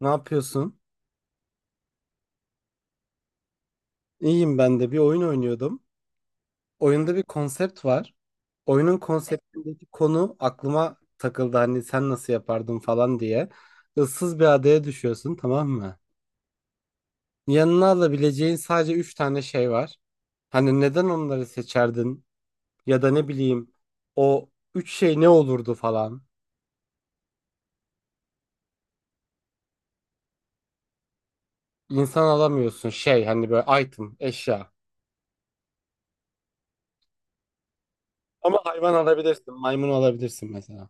Ne yapıyorsun? İyiyim ben de. Bir oyun oynuyordum. Oyunda bir konsept var. Oyunun konseptindeki konu aklıma takıldı. Hani sen nasıl yapardın falan diye. Issız bir adaya düşüyorsun, tamam mı? Yanına alabileceğin sadece 3 tane şey var. Hani neden onları seçerdin? Ya da ne bileyim o 3 şey ne olurdu falan. İnsan alamıyorsun şey hani böyle item, eşya. Ama hayvan alabilirsin, maymun alabilirsin mesela.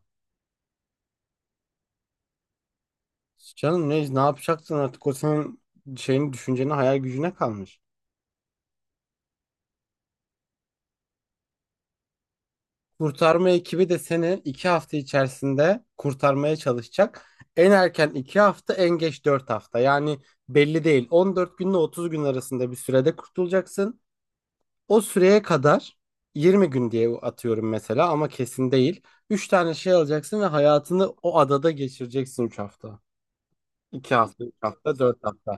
Canım ne yapacaksın artık o senin şeyin düşüncene hayal gücüne kalmış. Kurtarma ekibi de seni iki hafta içerisinde kurtarmaya çalışacak. En erken iki hafta en geç dört hafta yani belli değil 14 günle 30 gün arasında bir sürede kurtulacaksın. O süreye kadar 20 gün diye atıyorum mesela ama kesin değil. Üç tane şey alacaksın ve hayatını o adada geçireceksin 3 hafta. 2 hafta, 3 hafta, 4 hafta.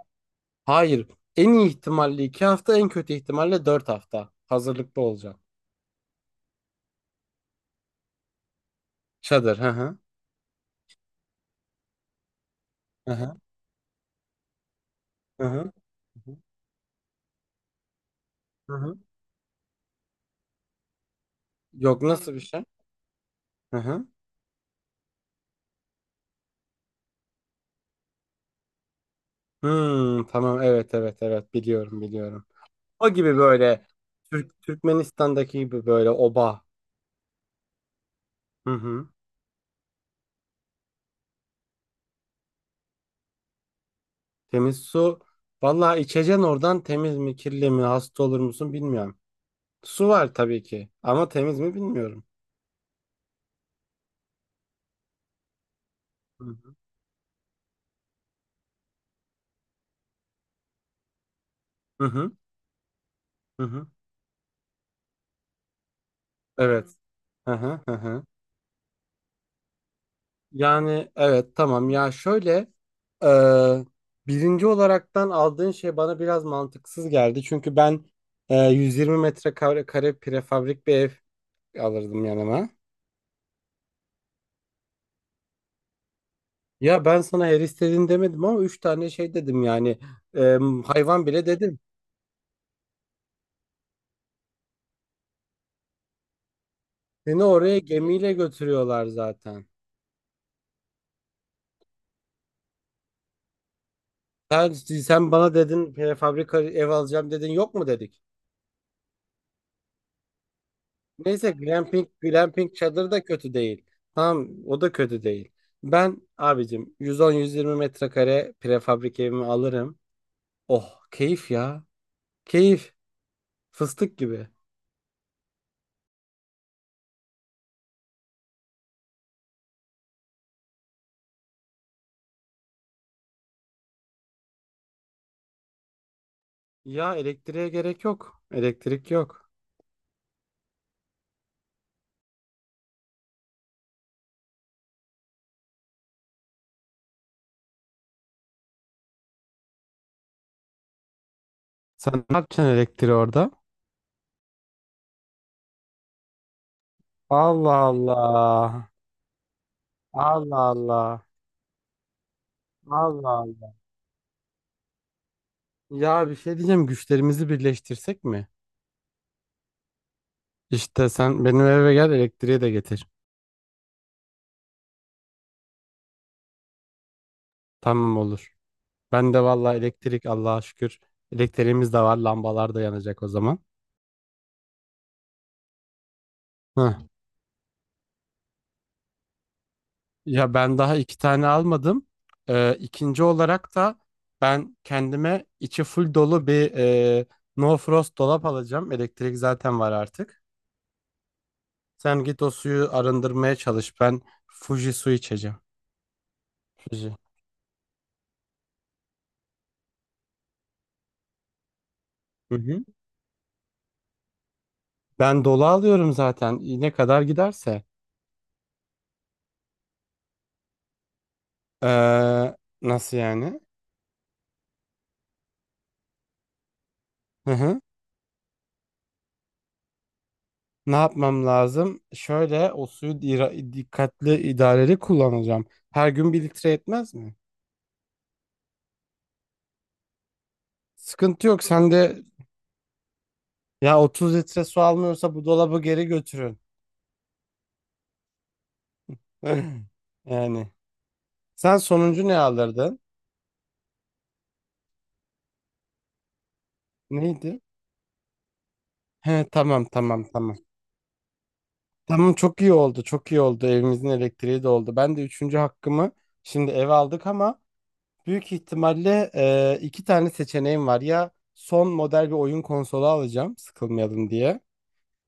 Hayır. En iyi ihtimalle iki hafta, en kötü ihtimalle dört hafta. Hazırlıklı olacağım. Çadır. Hı hı. Hı hı. Hı hı. Hı hı. Yok, nasıl bir şey? Hı hı. Hmm, tamam, evet evet evet biliyorum biliyorum. O gibi böyle Türkmenistan'daki gibi böyle oba. Hı hı. Temiz su. Vallahi içeceksin oradan, temiz mi kirli mi hasta olur musun bilmiyorum. Su var tabii ki, ama temiz mi bilmiyorum. Hı hı. Hı hı. Hı hı. Evet. Hı hı. Hı hı. Yani evet, tamam ya, şöyle e, birinci olaraktan aldığın şey bana biraz mantıksız geldi. Çünkü ben 120 metrekare kare prefabrik bir ev alırdım yanıma. Ya ben sana her istediğin demedim, ama 3 tane şey dedim yani. E, hayvan bile dedim. Seni oraya gemiyle götürüyorlar zaten. Sen bana dedin prefabrik ev alacağım, dedin yok mu dedik. Neyse, glamping çadır da kötü değil. Tamam, o da kötü değil. Ben abicim 110-120 metrekare prefabrik evimi alırım. Oh, keyif ya. Keyif. Fıstık gibi. Ya elektriğe gerek yok. Elektrik yok. Sen ne yapacaksın elektriği orada? Allah Allah. Allah Allah. Allah Allah. Ya bir şey diyeceğim, güçlerimizi birleştirsek mi? İşte sen benim eve gel, elektriği de getir. Tamam, olur. Ben de vallahi elektrik Allah'a şükür. Elektriğimiz de var. Lambalar da yanacak o zaman. Heh. Ya ben daha iki tane almadım. İkinci olarak da ben kendime içi full dolu bir no frost dolap alacağım. Elektrik zaten var artık. Sen git o suyu arındırmaya çalış. Ben Fuji su içeceğim. Fuji. Hı hı. Ben dolu alıyorum zaten. Ne kadar giderse. Ee, nasıl yani? Hı hı. Ne yapmam lazım? Şöyle, o suyu dikkatli idareli kullanacağım. Her gün bir litre yetmez mi? Sıkıntı yok. Sen de ya, 30 litre su almıyorsa bu dolabı geri götürün. Yani. Sen sonuncu ne alırdın? Neydi? He, tamam tamam tamam. Tamam, çok iyi oldu çok iyi oldu. Evimizin elektriği de oldu. Ben de üçüncü hakkımı şimdi eve aldık ama büyük ihtimalle iki tane seçeneğim var. Ya son model bir oyun konsolu alacağım sıkılmayalım diye,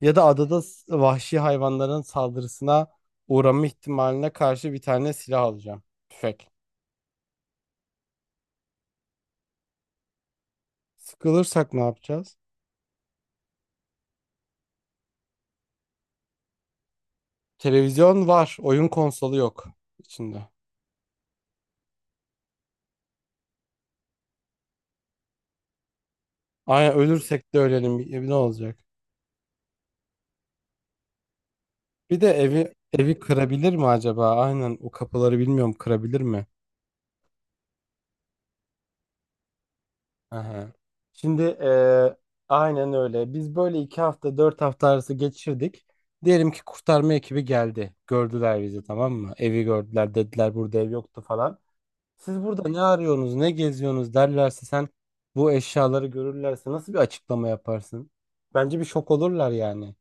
ya da adada vahşi hayvanların saldırısına uğrama ihtimaline karşı bir tane silah alacağım. Tüfek. Sıkılırsak ne yapacağız? Televizyon var, oyun konsolu yok içinde. Aynen, ölürsek de ölelim. Ne olacak? Bir de evi kırabilir mi acaba? Aynen, o kapıları bilmiyorum kırabilir mi? Aha. Şimdi aynen öyle. Biz böyle iki hafta dört hafta arası geçirdik. Diyelim ki kurtarma ekibi geldi. Gördüler bizi, tamam mı? Evi gördüler, dediler burada ev yoktu falan. Siz burada ne arıyorsunuz, ne geziyorsunuz derlerse, sen bu eşyaları görürlerse nasıl bir açıklama yaparsın? Bence bir şok olurlar yani.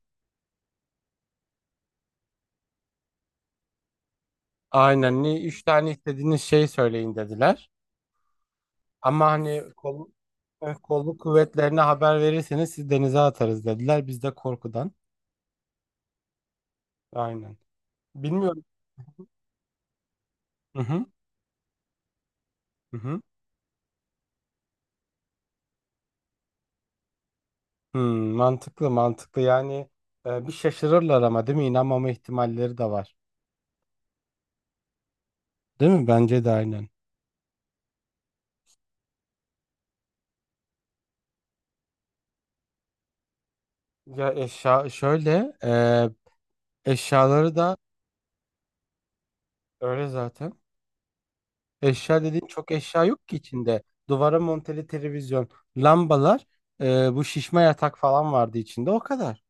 Aynen, ne üç tane istediğiniz şey söyleyin dediler. Ama hani kolluk kuvvetlerine haber verirseniz siz denize atarız dediler. Biz de korkudan. Aynen. Bilmiyorum. Hı hı. Hı hı. Hmm, mantıklı mantıklı yani. Bir şaşırırlar ama değil mi? İnanmama ihtimalleri de var. Değil mi? Bence de aynen. Ya eşya şöyle Eşyaları da öyle zaten. Eşya dediğin çok eşya yok ki içinde. Duvara monteli televizyon, lambalar, bu şişme yatak falan vardı içinde, o kadar.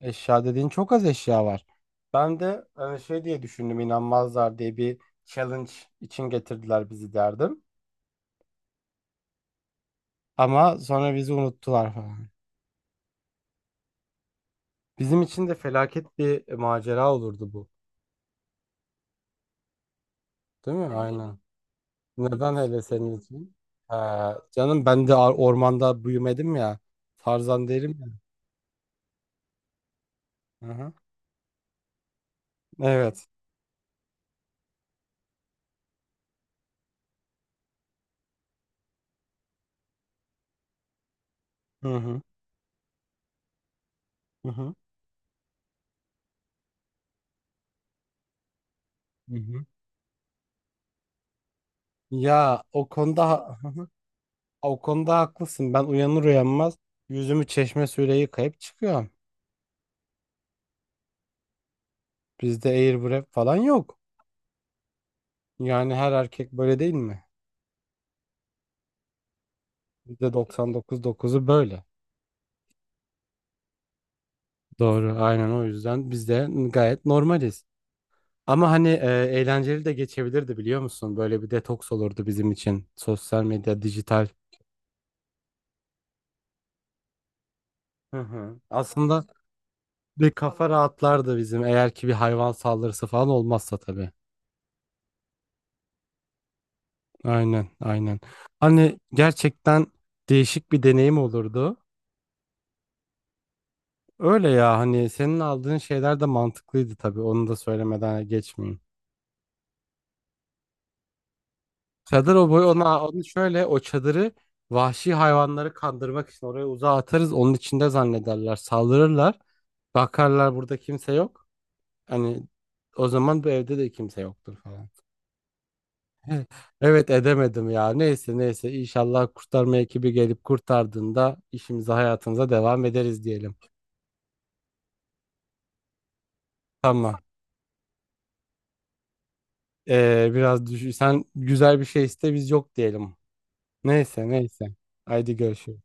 Eşya dediğin çok az eşya var. Ben de şey diye düşündüm, inanmazlar diye bir challenge için getirdiler bizi derdim. Ama sonra bizi unuttular falan. Bizim için de felaket bir macera olurdu bu. Değil mi? Evet. Aynen. Neden hele senin için? Ha, canım ben de ormanda büyümedim ya. Tarzan derim. Hı hı. Evet. Hı hı. Hı hı. Hı hı. Ya o konuda hı hı. O konuda haklısın. Ben uyanır uyanmaz yüzümü çeşme suyuyla yıkayıp çıkıyorum. Bizde airwrap falan yok. Yani her erkek böyle değil mi? Bizde doksan dokuz dokuzu böyle. Doğru. Aynen, o yüzden biz de gayet normaliz. Ama hani eğlenceli de geçebilirdi biliyor musun? Böyle bir detoks olurdu bizim için. Sosyal medya, dijital. Hı hı. Aslında, Bir kafa rahatlardı bizim eğer ki bir hayvan saldırısı falan olmazsa tabii. Aynen, aynen. Hani gerçekten değişik bir deneyim olurdu. Öyle ya, hani senin aldığın şeyler de mantıklıydı tabii. Onu da söylemeden geçmeyeyim. Çadır o boy, ona onu şöyle, o çadırı vahşi hayvanları kandırmak için oraya uzağa atarız. Onun içinde zannederler, saldırırlar. Bakarlar burada kimse yok. Hani o zaman bu evde de kimse yoktur falan. Evet, edemedim ya. Neyse neyse, inşallah kurtarma ekibi gelip kurtardığında işimize hayatımıza devam ederiz diyelim. Tamam. Biraz düşün. Sen güzel bir şey iste, biz yok diyelim. Neyse neyse. Haydi görüşürüz.